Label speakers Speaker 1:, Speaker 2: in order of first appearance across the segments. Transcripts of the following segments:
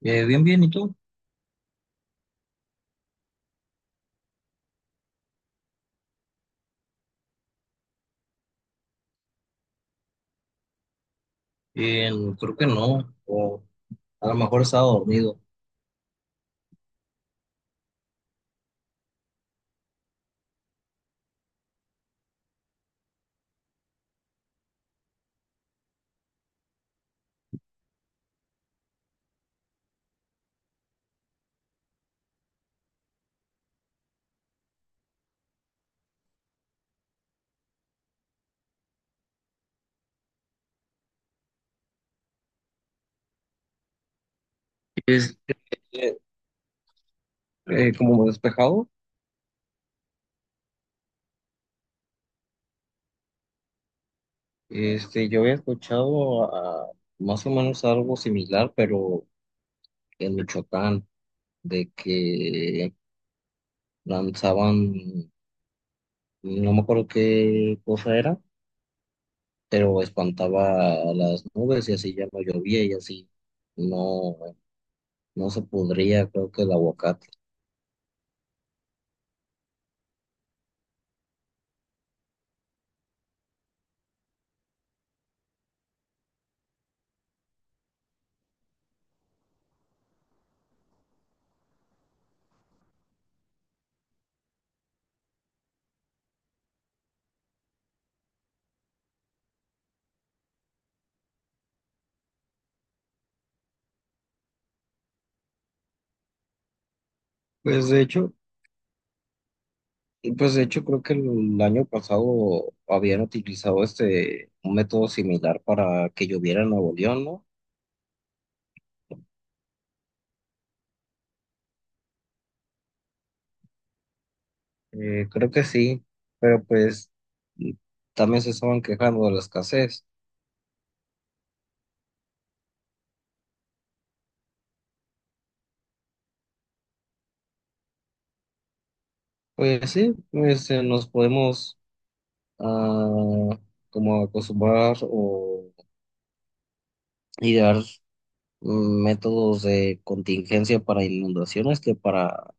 Speaker 1: Bien, bien, ¿y tú? Eh, creo que no, o a lo mejor estaba dormido. Es eh, Como despejado. Yo había escuchado más o menos algo similar, pero en Michoacán, de que lanzaban, no me acuerdo qué cosa era, pero espantaba a las nubes y así ya no llovía y así no, no se podría, creo que el aguacate. Pues de hecho, Pues de hecho creo que el año pasado habían utilizado este un método similar para que lloviera en Nuevo León, ¿no? Creo que sí, pero pues mm, también se estaban quejando de la escasez. Pues sí, pues nos podemos ah, como acostumbrar o idear métodos de contingencia para inundaciones que para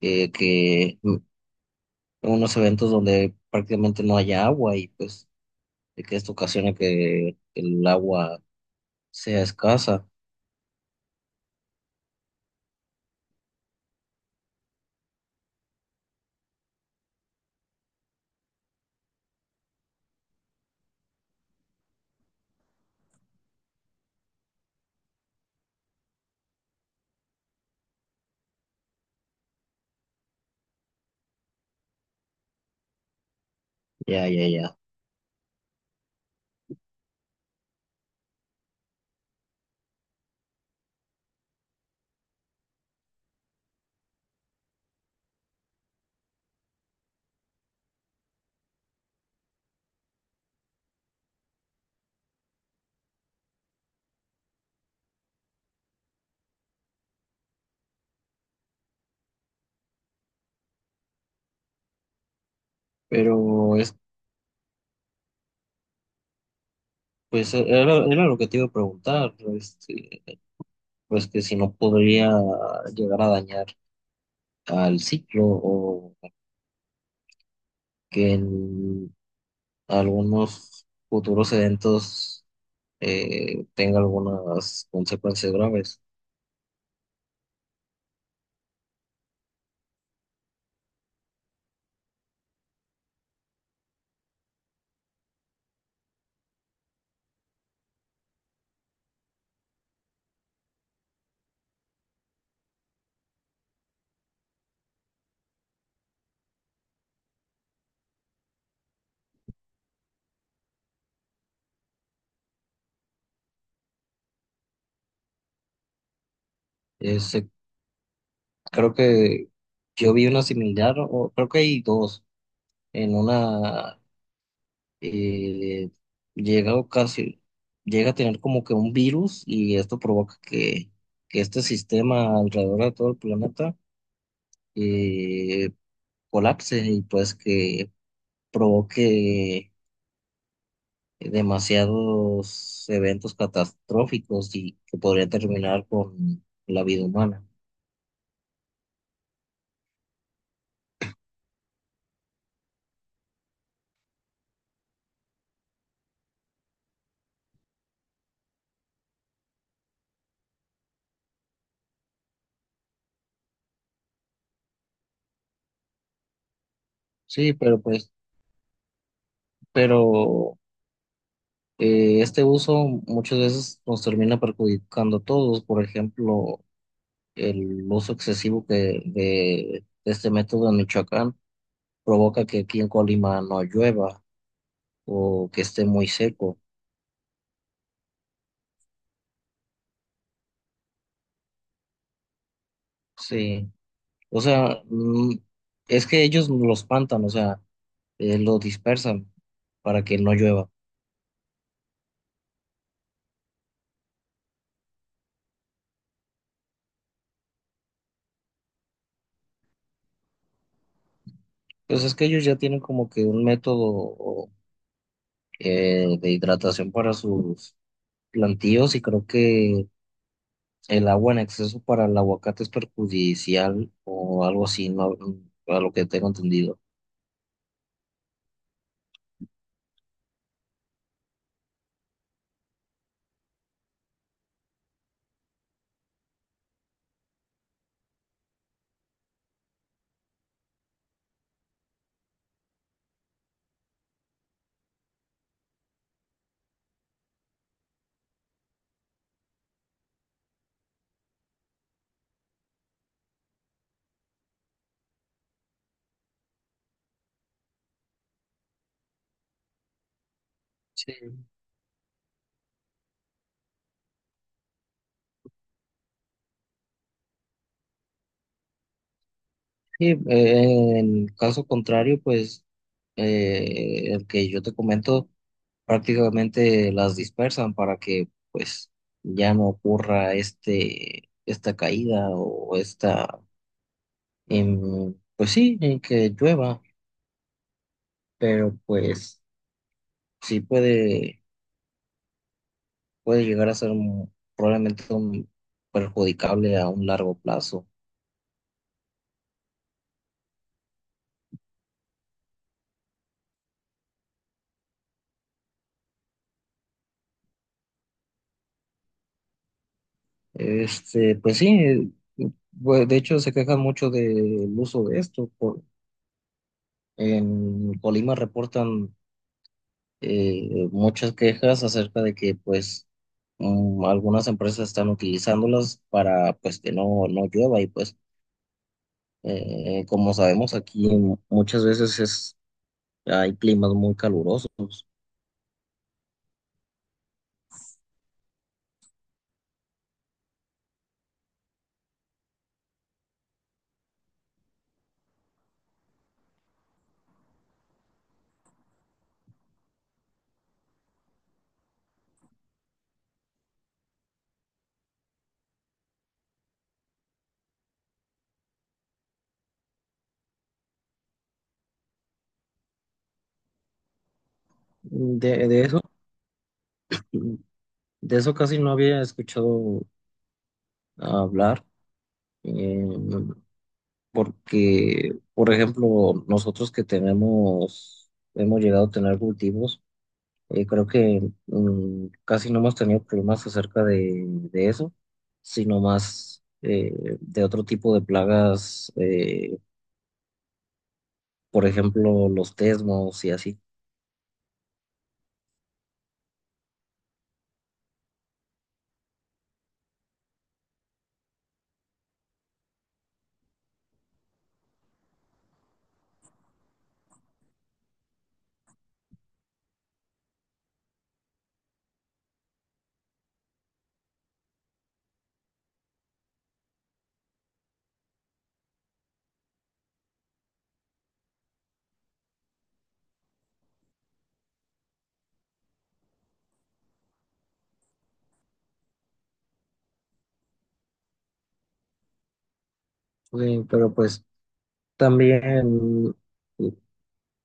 Speaker 1: eh, que mm, unos eventos donde prácticamente no haya agua y pues de que esto ocasione que el agua sea escasa. Ya, ya, ya. Pero es, pues era lo que te iba a preguntar, pues que si no podría llegar a dañar al ciclo o que en algunos futuros eventos tenga algunas consecuencias graves. Ese- Creo que yo vi una similar, o creo que hay dos. En una eh, llega a ocasi- llega a tener como que un virus y esto provoca que este sistema alrededor de todo el planeta eh, colapse y pues que provoque demasiados eventos catastróficos y que podría terminar con la vida humana. Sí, pero pero este uso muchas veces nos termina perjudicando a todos. Por ejemplo, el uso excesivo de este método en Michoacán provoca que aquí en Colima no llueva o que esté muy seco. Sí, o sea, es que ellos lo espantan, o sea, lo dispersan para que no llueva. Pues es que ellos ya tienen como que un método de hidratación para sus plantíos y creo que el agua en exceso para el aguacate es perjudicial o algo así, no, a lo que tengo entendido. Sí. Sí, en caso contrario, pues el que yo te comento prácticamente las dispersan para que pues ya no ocurra este, esta caída o esta, pues sí, en que llueva, pero pues sí puede, puede llegar a ser probablemente un perjudicable a un largo plazo. Pues sí, de hecho se quejan mucho del uso de esto. En Colima reportan muchas quejas acerca de que pues algunas empresas están utilizándolas para pues que no, no llueva y pues como sabemos aquí muchas veces es, hay climas muy calurosos. De, de eso, de eso casi no había escuchado hablar eh, porque, por ejemplo, nosotros que tenemos, hemos llegado a tener cultivos. Creo que casi no hemos tenido problemas acerca de eso, sino más de otro tipo de plagas, por ejemplo, los tesmos y así. Pero pues también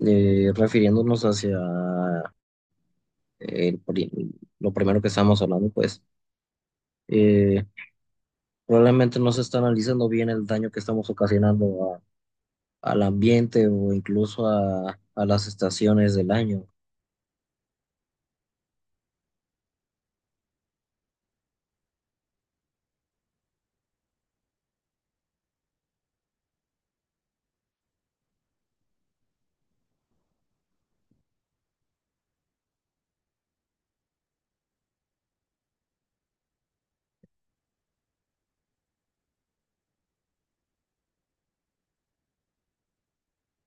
Speaker 1: refiriéndonos hacia el pri- lo primero que estábamos hablando, pues eh, probablemente no se está analizando bien el daño que estamos ocasionando al ambiente o incluso a las estaciones del año.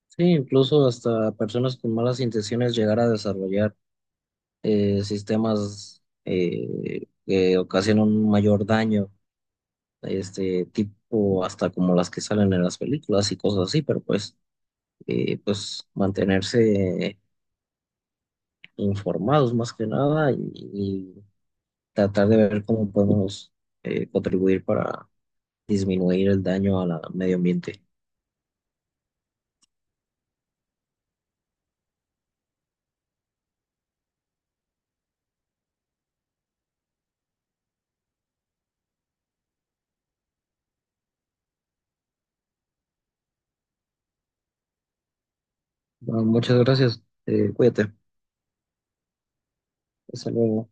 Speaker 1: Sí, incluso hasta personas con malas intenciones llegar a desarrollar sistemas que ocasionan un mayor daño, este tipo hasta como las que salen en las películas y cosas así, pero pues, pues mantenerse informados más que nada y, y tratar de ver cómo podemos contribuir para disminuir el daño al medio ambiente. Bueno, muchas gracias, cuídate, hasta luego.